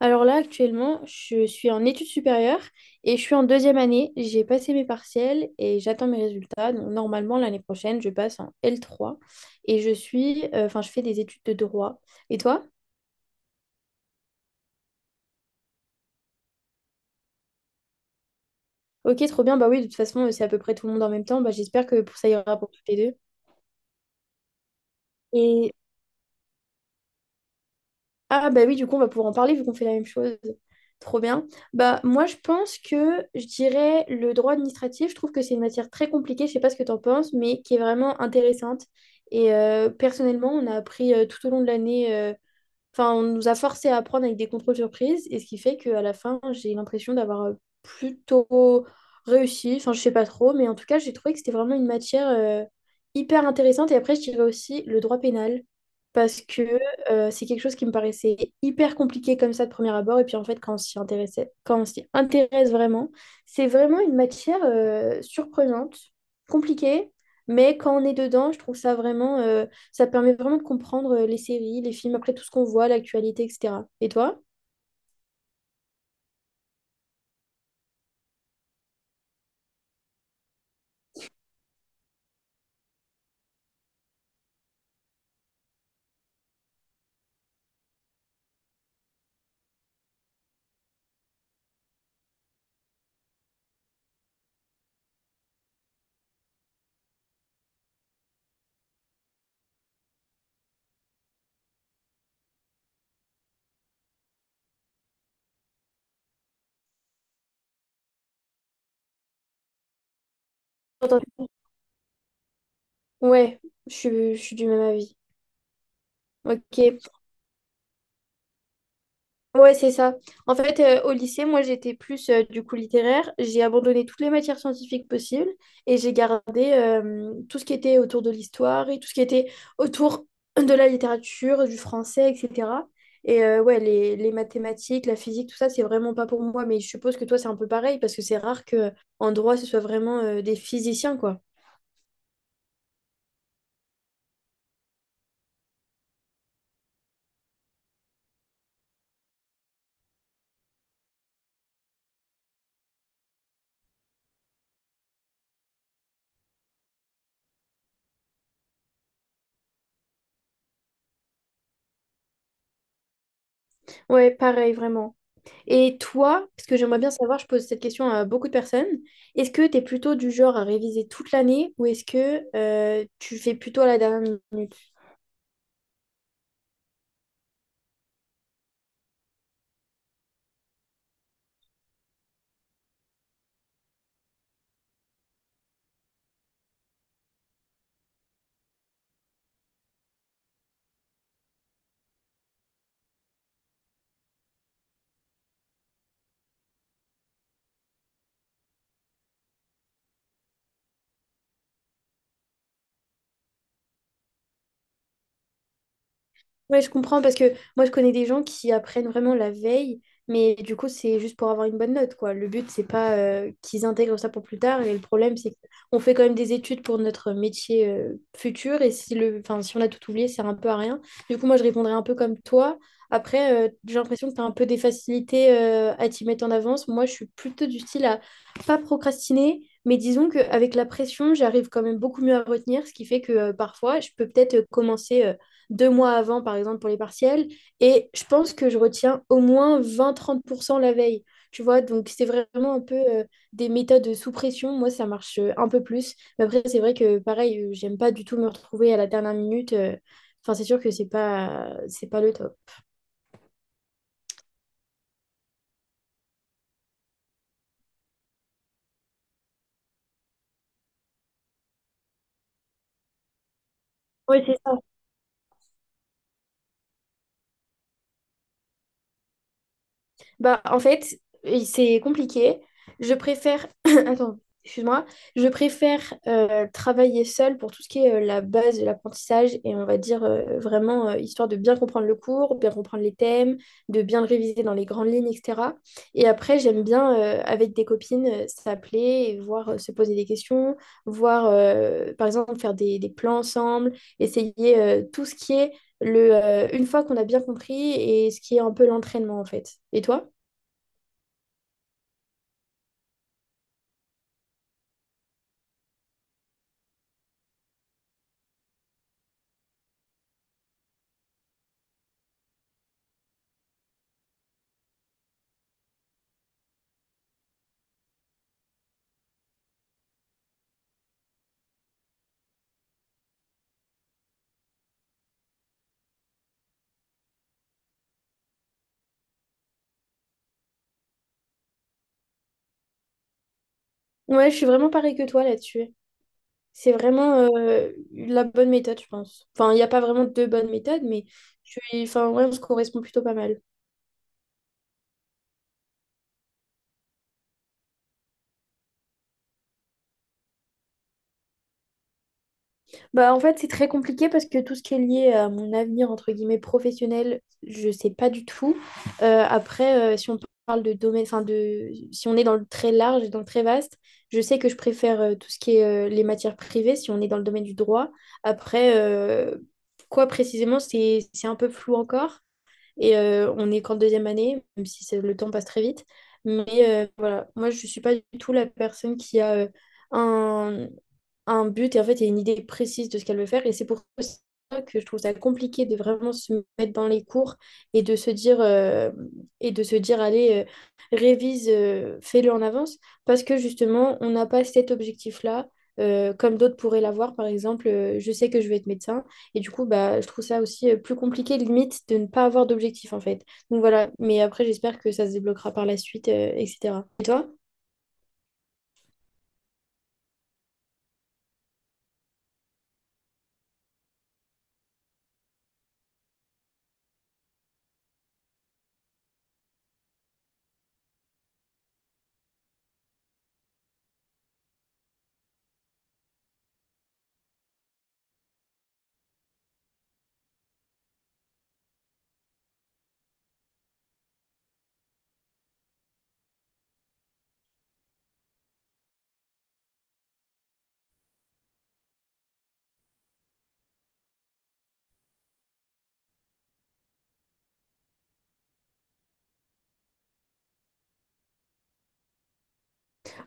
Alors là, actuellement, je suis en études supérieures et je suis en deuxième année. J'ai passé mes partiels et j'attends mes résultats. Donc, normalement, l'année prochaine, je passe en L3 et enfin, je fais des études de droit. Et toi? Ok, trop bien. Bah oui, de toute façon, c'est à peu près tout le monde en même temps. Bah, j'espère que pour ça ira pour toutes les deux. Et Ah bah oui, du coup, on va pouvoir en parler vu qu'on fait la même chose. Trop bien. Bah moi, je pense que je dirais le droit administratif, je trouve que c'est une matière très compliquée, je sais pas ce que tu en penses, mais qui est vraiment intéressante. Et personnellement, on a appris tout au long de l'année. Enfin, on nous a forcé à apprendre avec des contrôles surprises, et ce qui fait qu'à la fin, j'ai l'impression d'avoir plutôt réussi. Enfin, je sais pas trop, mais en tout cas, j'ai trouvé que c'était vraiment une matière hyper intéressante. Et après, je dirais aussi le droit pénal, parce que c'est quelque chose qui me paraissait hyper compliqué comme ça de premier abord. Et puis en fait, quand on s'y intéressait, quand on s'y intéresse vraiment, c'est vraiment une matière surprenante, compliquée, mais quand on est dedans, je trouve ça vraiment. Ça permet vraiment de comprendre les séries, les films, après tout ce qu'on voit, l'actualité, etc. Et toi? Attends, ouais, je suis du même avis. Ok. Ouais, c'est ça. En fait, au lycée, moi, j'étais plus du coup littéraire. J'ai abandonné toutes les matières scientifiques possibles et j'ai gardé tout ce qui était autour de l'histoire et tout ce qui était autour de la littérature, du français, etc. Et ouais, les mathématiques, la physique, tout ça, c'est vraiment pas pour moi. Mais je suppose que toi, c'est un peu pareil parce que c'est rare que en droit, ce soit vraiment des physiciens, quoi. Ouais, pareil, vraiment. Et toi, parce que j'aimerais bien savoir, je pose cette question à beaucoup de personnes, est-ce que tu es plutôt du genre à réviser toute l'année ou est-ce que tu fais plutôt à la dernière minute? Ouais, je comprends parce que moi je connais des gens qui apprennent vraiment la veille, mais du coup c'est juste pour avoir une bonne note quoi. Le but c'est pas qu'ils intègrent ça pour plus tard et le problème c'est qu'on fait quand même des études pour notre métier futur et si le enfin si on a tout oublié, ça sert un peu à rien. Du coup moi je répondrais un peu comme toi. Après j'ai l'impression que tu as un peu des facilités à t'y mettre en avance. Moi je suis plutôt du style à pas procrastiner. Mais disons qu'avec la pression, j'arrive quand même beaucoup mieux à retenir, ce qui fait que parfois, je peux peut-être commencer 2 mois avant, par exemple, pour les partiels. Et je pense que je retiens au moins 20 à 30% la veille. Tu vois, donc c'est vraiment un peu des méthodes sous pression. Moi, ça marche un peu plus. Mais après, c'est vrai que pareil, j'aime pas du tout me retrouver à la dernière minute. Enfin, c'est sûr que c'est pas le top. Oui, c'est Bah, en fait, et c'est compliqué. Je préfère. Attends, excuse-moi. Je préfère travailler seule pour tout ce qui est la base de l'apprentissage et on va dire vraiment histoire de bien comprendre le cours, bien comprendre les thèmes, de bien le réviser dans les grandes lignes, etc. Et après, j'aime bien avec des copines s'appeler et voir se poser des questions, voir par exemple faire des plans ensemble, essayer tout ce qui est une fois qu'on a bien compris et ce qui est un peu l'entraînement en fait. Et toi? Ouais, je suis vraiment pareil que toi là-dessus. C'est vraiment la bonne méthode, je pense. Enfin, il n'y a pas vraiment de bonne méthode, mais enfin, ouais, on se correspond plutôt pas mal. Bah, en fait, c'est très compliqué parce que tout ce qui est lié à mon avenir, entre guillemets, professionnel, je sais pas du tout. Après, si on parle de domaine, si on est dans le très large et dans le très vaste, je sais que je préfère tout ce qui est les matières privées, si on est dans le domaine du droit. Après, quoi précisément, c'est un peu flou encore. Et on n'est qu'en deuxième année, même si le temps passe très vite. Mais voilà, moi, je ne suis pas du tout la personne qui a un, un but et en fait, il y a une idée précise de ce qu'elle veut faire. Et c'est pour ça que je trouve ça compliqué de vraiment se mettre dans les cours et de se dire, et de se dire, allez, révise, fais-le en avance. Parce que justement, on n'a pas cet objectif-là, comme d'autres pourraient l'avoir. Par exemple, je sais que je vais être médecin. Et du coup, bah, je trouve ça aussi plus compliqué, limite, de ne pas avoir d'objectif, en fait. Donc voilà, mais après, j'espère que ça se débloquera par la suite, etc. Et toi?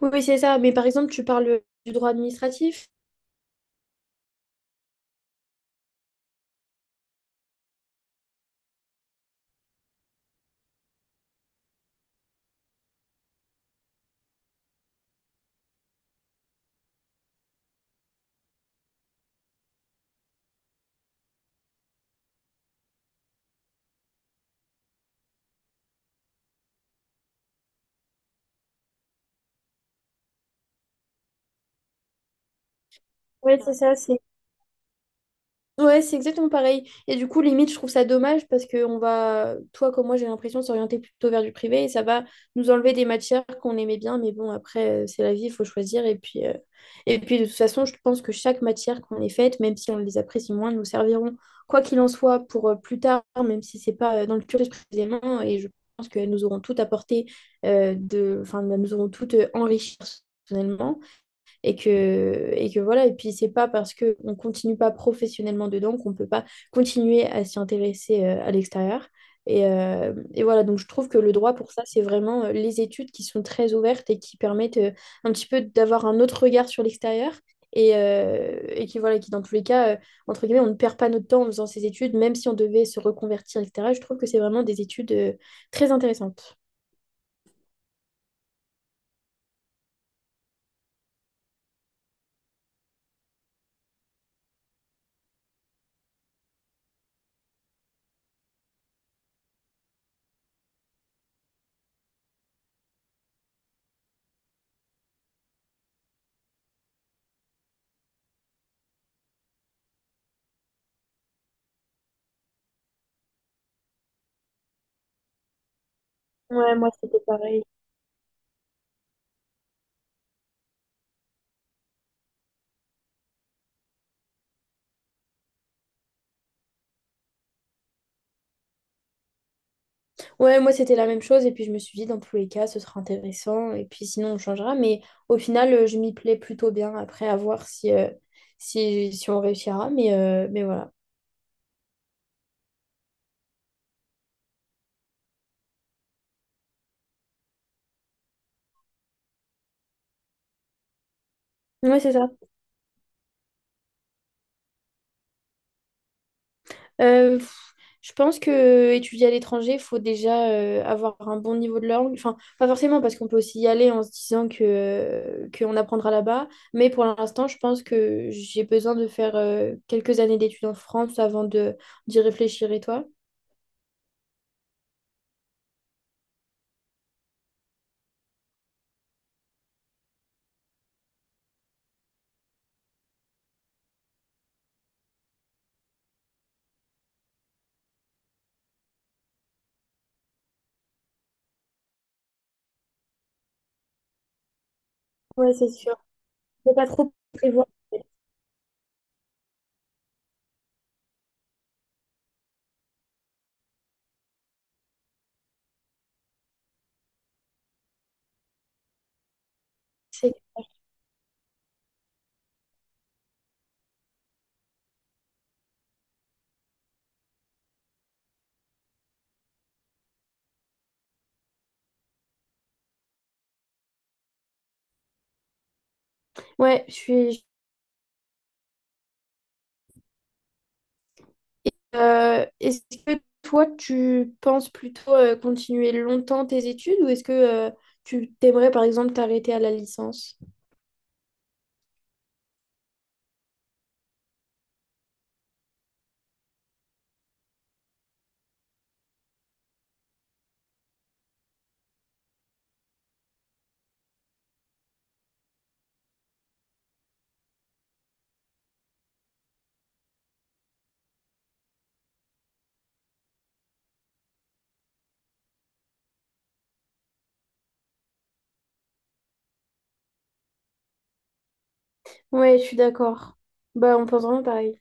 Oui, oui, c'est ça. Mais par exemple, tu parles du droit administratif. Oui, c'est ça. C'est Ouais, c'est exactement pareil. Et du coup, limite, je trouve ça dommage parce que on va, toi comme moi, j'ai l'impression de s'orienter plutôt vers du privé et ça va nous enlever des matières qu'on aimait bien. Mais bon, après, c'est la vie, il faut choisir. Et puis, de toute façon, je pense que chaque matière qu'on ait faite, même si on les apprécie moins, nous serviront, quoi qu'il en soit, pour plus tard, même si c'est pas dans le cursus précisément. Et je pense qu'elles nous auront toutes apporté, enfin, elles nous auront toutes enrichi personnellement et que voilà. Et puis, c'est pas parce qu'on continue pas professionnellement dedans qu'on peut pas continuer à s'y intéresser à l'extérieur. Et voilà, donc je trouve que le droit pour ça, c'est vraiment les études qui sont très ouvertes et qui permettent un petit peu d'avoir un autre regard sur l'extérieur et qui, voilà, qui dans tous les cas, entre guillemets, on ne perd pas notre temps en faisant ces études, même si on devait se reconvertir, etc. Je trouve que c'est vraiment des études très intéressantes. Ouais, moi c'était pareil. Ouais, moi c'était la même chose et puis je me suis dit dans tous les cas ce sera intéressant et puis sinon on changera mais au final je m'y plais plutôt bien après à voir si on réussira mais voilà. Ouais c'est ça. Euh, pff, je pense que étudier à l'étranger il faut déjà avoir un bon niveau de langue. Enfin pas forcément parce qu'on peut aussi y aller en se disant que qu'on apprendra là-bas mais pour l'instant je pense que j'ai besoin de faire quelques années d'études en France avant de d'y réfléchir et toi? Ouais, c'est sûr. Faut pas trop prévoir. C'est- Ouais, je suis. Est-ce que toi, tu penses plutôt continuer longtemps tes études ou est-ce que tu t'aimerais par exemple t'arrêter à la licence? Ouais, je suis d'accord. Bah, on pense vraiment pareil.